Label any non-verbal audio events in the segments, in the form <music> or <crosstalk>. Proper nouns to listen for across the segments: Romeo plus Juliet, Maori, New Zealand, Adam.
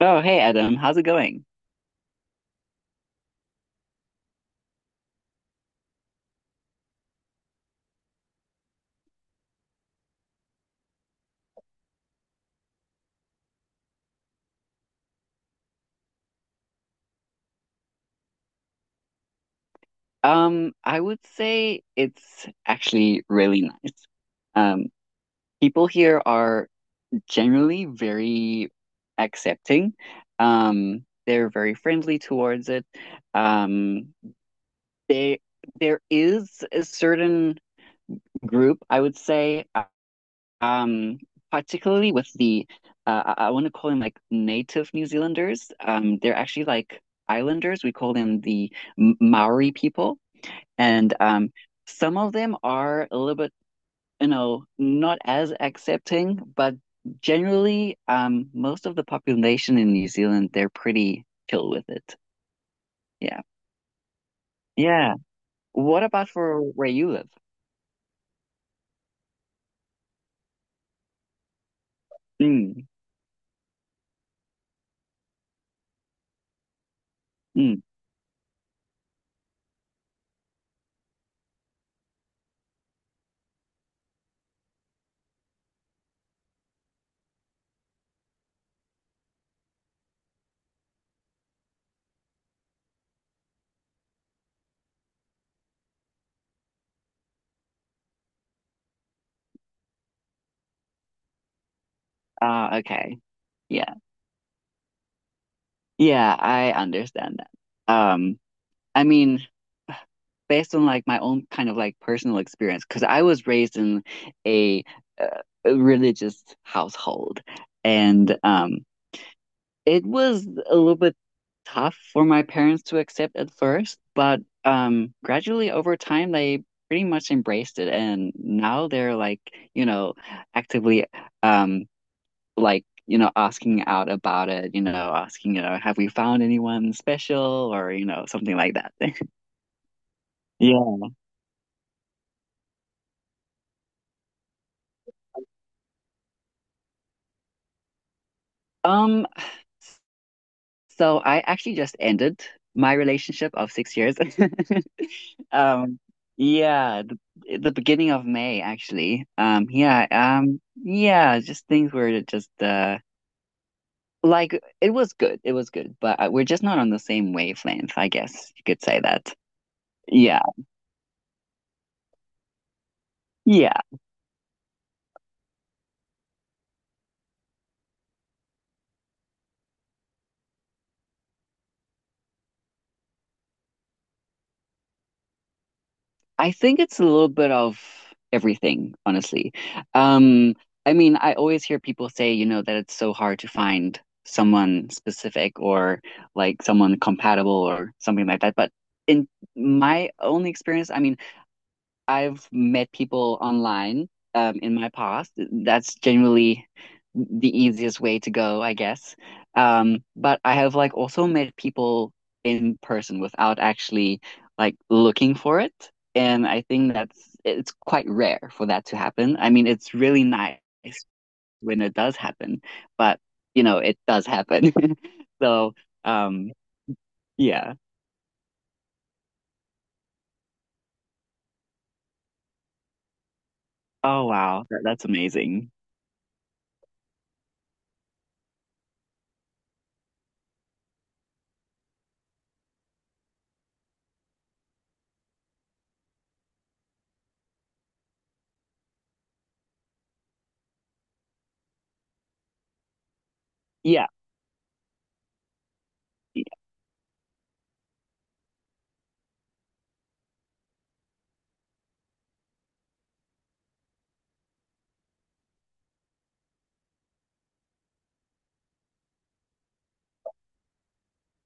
Oh, hey Adam, how's it going? I would say it's actually really nice. Um, People here are generally very accepting. They're very friendly towards it. Um, they There is a certain group, I would say, um, particularly with the want to call them like native New Zealanders. They're actually like islanders. We call them the Maori people. And Some of them are a little bit, you know, not as accepting, but generally, most of the population in New Zealand, they're pretty chill with it. Yeah. Yeah. What about for where you live? Mm, mm. Ah, okay. Yeah. Yeah, I understand that. Um, I mean, based on like my own kind of like personal experience, because I was raised in a, uh, a religious household, and it was a little bit tough for my parents to accept at first, but gradually over time, they pretty much embraced it. And now they're like, you know, actively um, like, you know, asking out about it, you know, asking, you know, have we found anyone special or, you know, something like that. <laughs> Yeah. Um, So I actually just ended my relationship of 6 years. <laughs> Um, yeah, the beginning of May actually. Yeah, just things were just like it was good, but we're just not on the same wavelength, I guess you could say that. Yeah, yeah. I think it's a little bit of everything, honestly. Um, I mean, I always hear people say, you know, that it's so hard to find someone specific or like someone compatible or something like that. But in my only experience, I mean, I've met people online in my past. That's generally the easiest way to go, I guess. But I have like also met people in person without actually like looking for it. And I think that's it's quite rare for that to happen. I mean, it's really nice when it does happen, but you know, it does happen. <laughs> So, um, yeah. Oh wow, that's amazing. Yeah, yeah,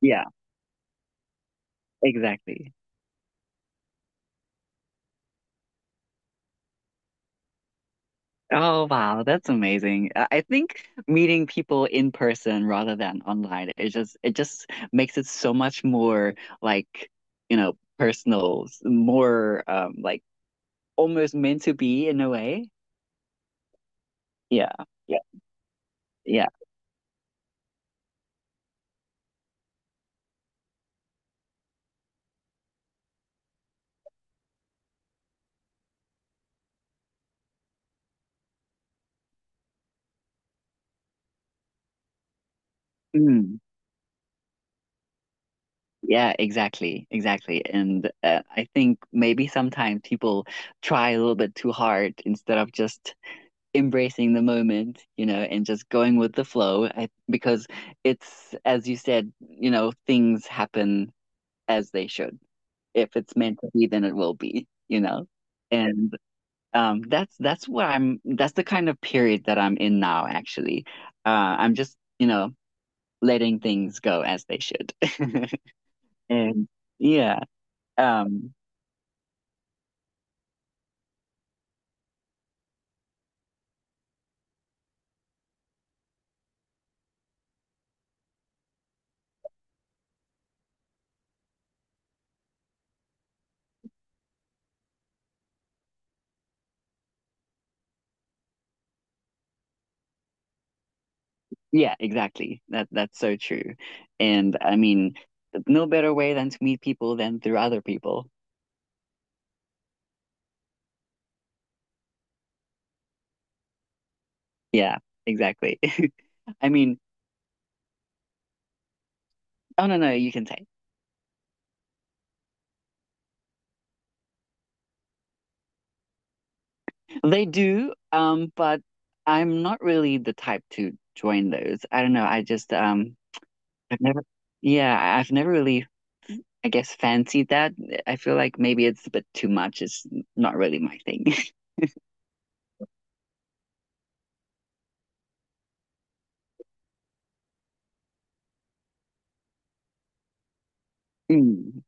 Yeah. exactly. Oh, wow, that's amazing. I think meeting people in person rather than online, it just makes it so much more like, you know, personal, more like almost meant to be in a way. Yeah. Yeah. Yeah. Mm. Yeah, exactly. Exactly. And I think maybe sometimes people try a little bit too hard instead of just embracing the moment, you know, and just going with the flow because it's, as you said, you know, things happen as they should. If it's meant to be, then it will be, you know. And That's what I'm. That's the kind of period that I'm in now. Actually, I'm just you know letting things go as they should. <laughs> And yeah, um, yeah, exactly. That's so true. And I mean, no better way than to meet people than through other people. Yeah, exactly. <laughs> I mean, oh no, no, you can say they do. But I'm not really the type to join those. I don't know. I've never. Yeah, I've never really, I guess, fancied that. I feel like maybe it's a bit too much. It's not really my thing. <laughs> Mm.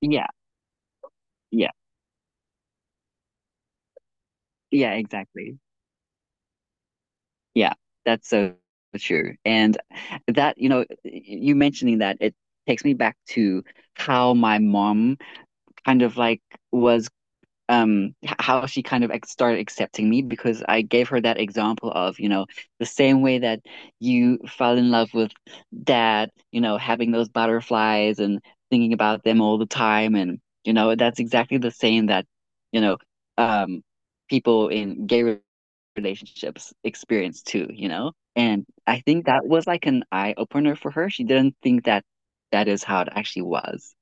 Yeah, yeah, yeah, exactly. Yeah, that's so true. And that, you know, you mentioning that, it takes me back to how my mom kind of like was how she kind of started accepting me because I gave her that example of, you know, the same way that you fell in love with dad, you know, having those butterflies and thinking about them all the time and you know, that's exactly the same that, you know, um people in relationships experience too, you know? And I think that was like an eye opener for her. She didn't think that that is how it actually was.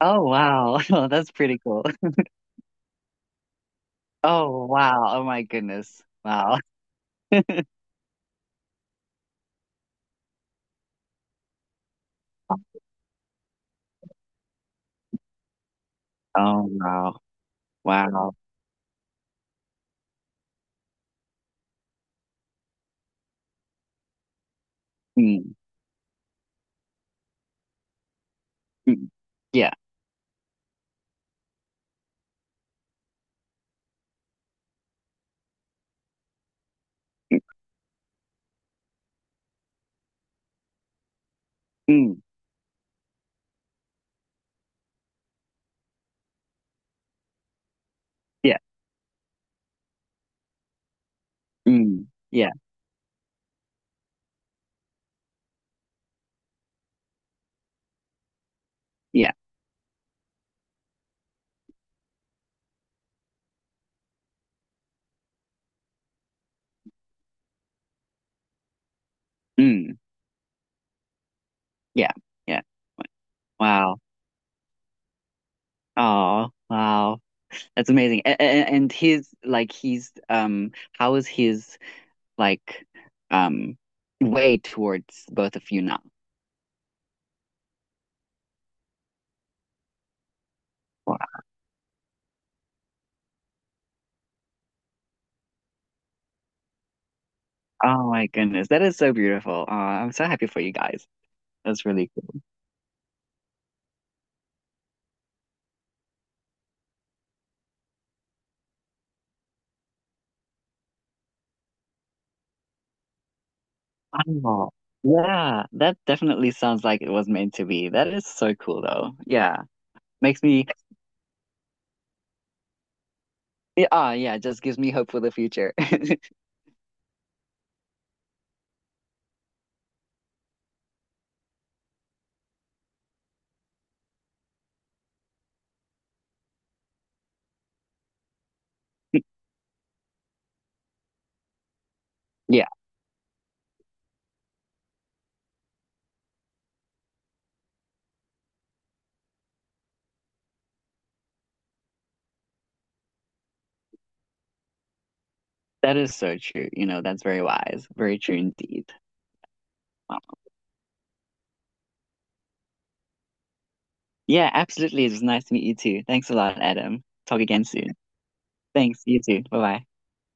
Oh wow. <laughs> Well, that's pretty cool. Oh wow. Oh my goodness. Wow. <laughs> Oh wow. Wow. Mm, mm, yeah. Mm, mm, yeah. Mm, yeah. Yeah. Mm, yeah. Yeah. Wow. Oh wow. That's amazing. And his like he's how is his like um way towards both of you now? Wow. Oh my goodness. That is so beautiful. Oh, I'm so happy for you guys. That's really cool. Oh, yeah, that definitely sounds like it was meant to be. That is so cool, though. Yeah, makes me, yeah, ah, Yeah, just gives me hope for the future. <laughs> Yeah, that is so true. You know, that's very wise, very true indeed. Wow. Yeah, absolutely. It was nice to meet you too. Thanks a lot, Adam. Talk again soon. Thanks, you too. Bye bye.